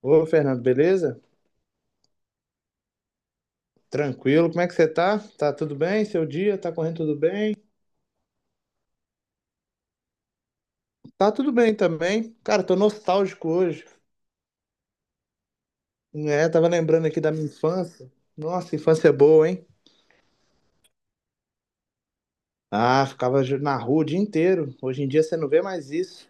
Ô, Fernando, beleza? Tranquilo, como é que você tá? Tá tudo bem? Seu dia tá correndo tudo bem? Tá tudo bem também. Cara, tô nostálgico hoje. É, tava lembrando aqui da minha infância. Nossa, infância é boa, hein? Ah, na rua o dia inteiro. Hoje em dia você não vê mais isso.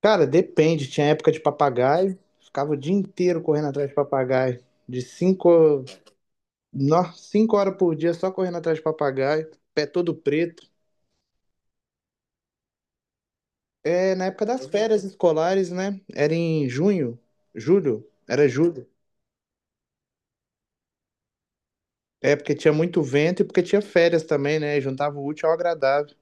Cara, depende. Tinha época de papagaio. Ficava o dia inteiro correndo atrás de papagaio. De cinco, no, 5 horas por dia só correndo atrás de papagaio. Pé todo preto. É na época das férias escolares, né? Era em junho, julho. É porque tinha muito vento e porque tinha férias também, né? Juntava o útil ao agradável.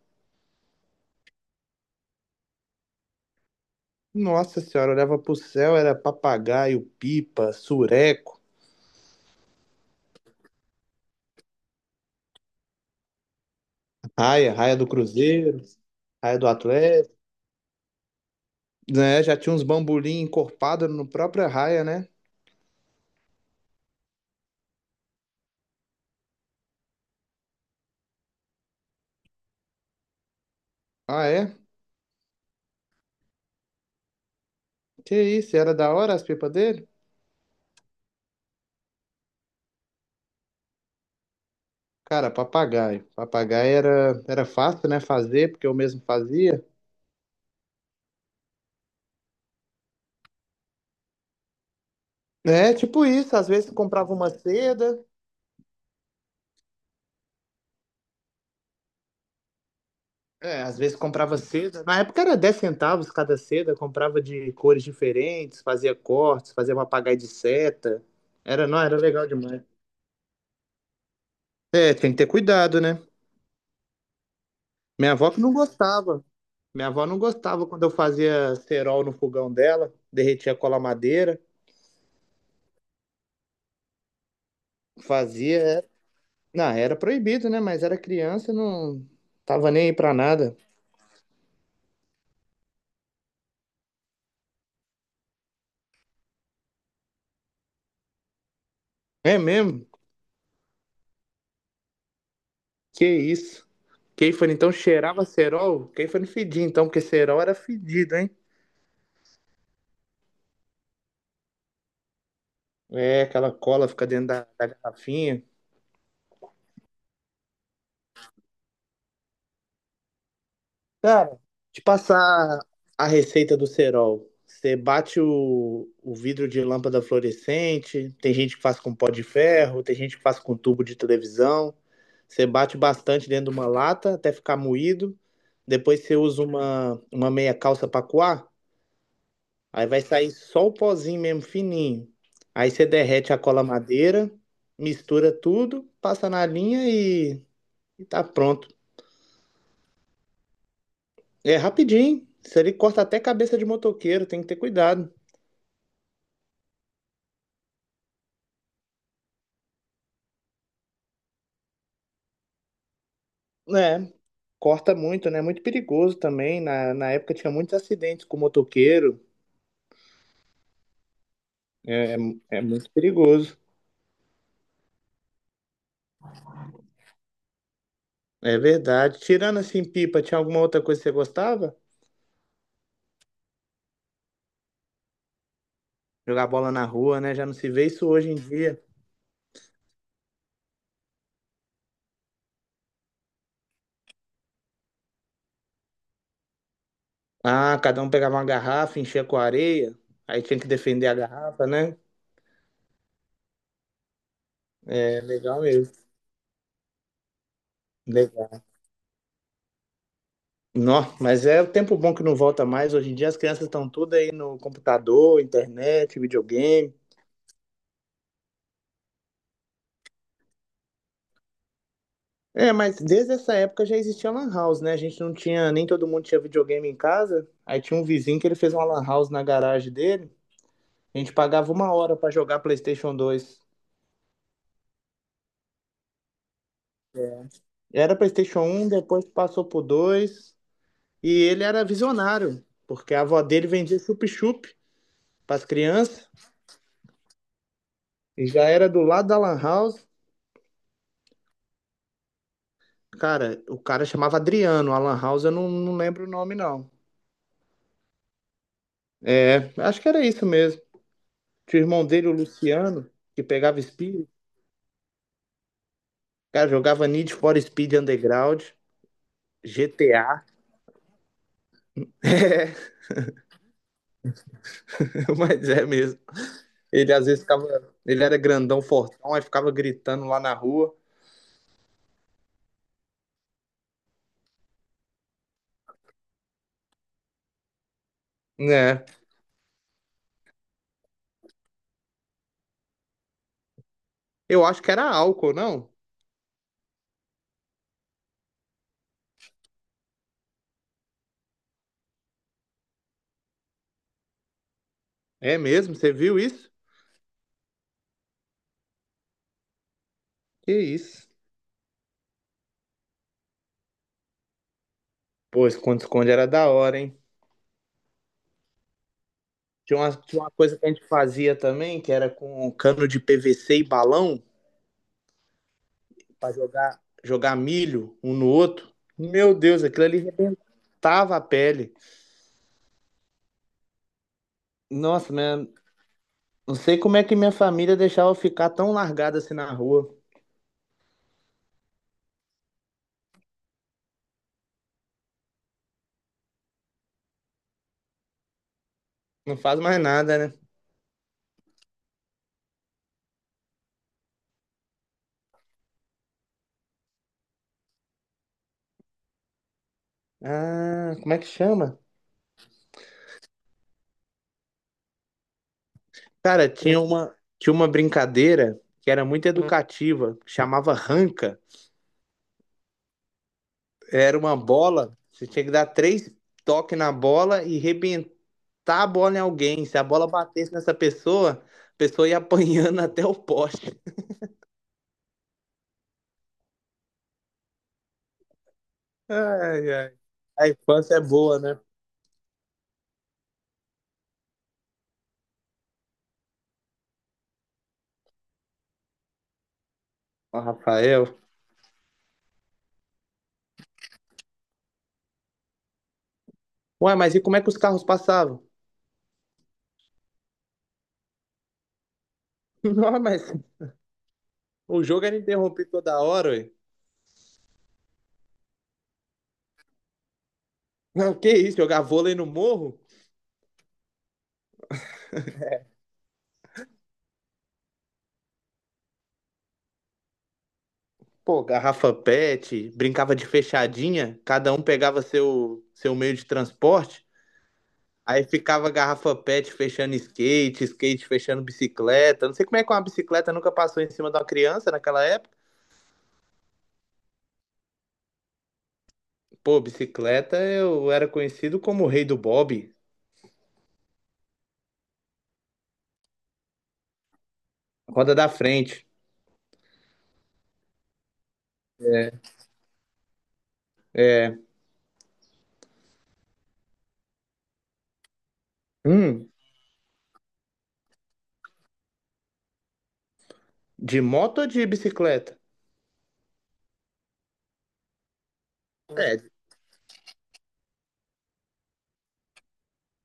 Nossa senhora, olhava pro céu, era papagaio, pipa, sureco, raia, raia do Cruzeiro, raia do Atlético, né? Já tinha uns bambolim encorpado no próprio raia, né? Ah, é? Que isso, era da hora as pipas dele? Cara, papagaio. Papagaio era fácil, né? Fazer, porque eu mesmo fazia. É, tipo isso, às vezes comprava uma seda, é, às vezes comprava seda. Na época era 10 centavos cada seda, comprava de cores diferentes, fazia cortes, fazia papagaio de seta. Não, era legal demais. É, tem que ter cuidado, né? Minha avó que não gostava. Minha avó não gostava quando eu fazia cerol no fogão dela, derretia cola madeira, fazia. É. Não, era proibido, né? Mas era criança, não tava nem aí pra nada. É mesmo? Que isso. Kefir então cheirava cerol? Kefir não fedia então, porque cerol era fedido, hein? É, aquela cola fica dentro da garrafinha. Cara, te passar a receita do cerol. Você bate o vidro de lâmpada fluorescente, tem gente que faz com pó de ferro, tem gente que faz com tubo de televisão. Você bate bastante dentro de uma lata até ficar moído. Depois você usa uma meia calça para coar. Aí vai sair só o pozinho mesmo, fininho. Aí você derrete a cola madeira, mistura tudo, passa na linha e tá pronto. É rapidinho. Isso ali corta até cabeça de motoqueiro, tem que ter cuidado. É, corta muito, né? É muito perigoso também. Na época tinha muitos acidentes com motoqueiro. É, é, é, muito perigoso. É verdade. Tirando assim, pipa, tinha alguma outra coisa que você gostava? Jogar bola na rua, né? Já não se vê isso hoje em dia. Ah, cada um pegava uma garrafa, enchia com areia, aí tinha que defender a garrafa, né? É legal mesmo. Legal. Nó, mas é o tempo bom que não volta mais. Hoje em dia as crianças estão tudo aí no computador, internet, videogame. É, mas desde essa época já existia lan house, né? A gente não tinha, nem todo mundo tinha videogame em casa. Aí tinha um vizinho que ele fez uma lan house na garagem dele. A gente pagava 1 hora pra jogar PlayStation 2. Era PlayStation 1, depois passou pro 2. E ele era visionário, porque a avó dele vendia chup-chup para as crianças e já era do lado da Lan House. Cara, o cara chamava Adriano, a Lan House eu não lembro o nome, não. É, acho que era isso mesmo. Tinha o irmão dele, o Luciano, que pegava Speed, cara, jogava Need for Speed Underground, GTA. É, mas é mesmo. Ele às vezes ficava. Ele era grandão, fortão, aí ficava gritando lá na rua. É. Eu acho que era álcool, não? É mesmo? Você viu isso? Que isso. Pô, esconde-esconde era da hora, hein? Tinha uma coisa que a gente fazia também, que era com cano de PVC e balão, pra jogar milho um no outro. Meu Deus, aquilo ali arrebentava a pele. Nossa, né? Não sei como é que minha família deixava eu ficar tão largada assim na rua. Não faz mais nada, né? Ah, como é que chama? Cara, tinha uma brincadeira que era muito educativa, que chamava ranca. Era uma bola, você tinha que dar três toques na bola e chutar a bola em alguém. Se a bola batesse nessa pessoa, a pessoa ia apanhando até o poste. Ai, ai. A infância é boa, né? Ó, Rafael. Ué, mas e como é que os carros passavam? Não, mas o jogo era interrompido toda hora, ué. Não, que isso, jogar vôlei no morro? Pô, garrafa pet, brincava de fechadinha, cada um pegava seu meio de transporte, aí ficava garrafa pet fechando skate, skate fechando bicicleta. Não sei como é que uma bicicleta nunca passou em cima de uma criança naquela época. Pô, bicicleta eu era conhecido como o rei do bob, roda da frente. É. É. Hum, de moto ou de bicicleta? É,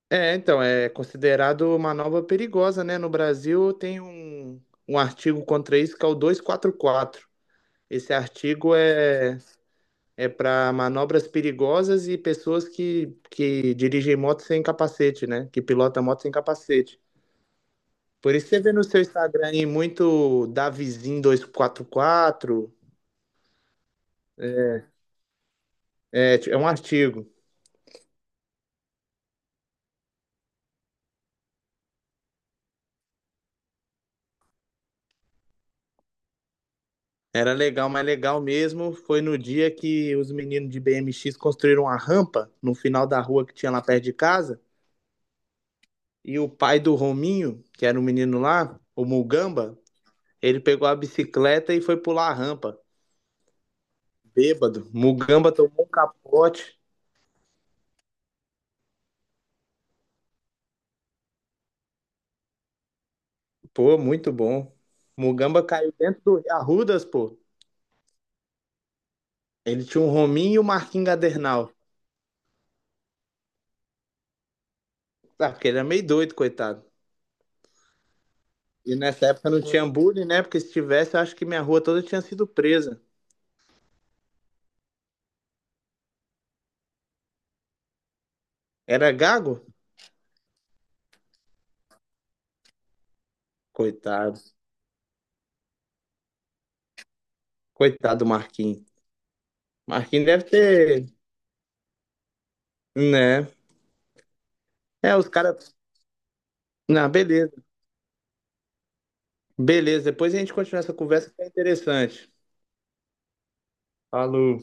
então, é considerado uma nova perigosa, né? No Brasil tem um artigo contra isso que é o 244. Esse artigo é é para manobras perigosas e pessoas que dirigem moto sem capacete, né? Que pilotam moto sem capacete. Por isso você vê no seu Instagram aí muito Davizinho 244. É, é um artigo. Era legal, mas legal mesmo foi no dia que os meninos de BMX construíram uma rampa no final da rua que tinha lá perto de casa. E o pai do Rominho, que era o menino lá, o Mugamba, ele pegou a bicicleta e foi pular a rampa. Bêbado. Mugamba tomou um capote. Pô, muito bom. Mugamba caiu dentro do Arrudas, pô. Ele tinha um Rominho e o Marquinhos Gadernal. Ah, porque ele era meio doido, coitado. E nessa época não tinha bullying, né? Porque se tivesse, eu acho que minha rua toda tinha sido presa. Era gago? Coitado. Coitado do Marquinhos. Marquinhos deve ter, né? É, os caras. Não, beleza. Beleza, depois a gente continua essa conversa que é interessante. Falou.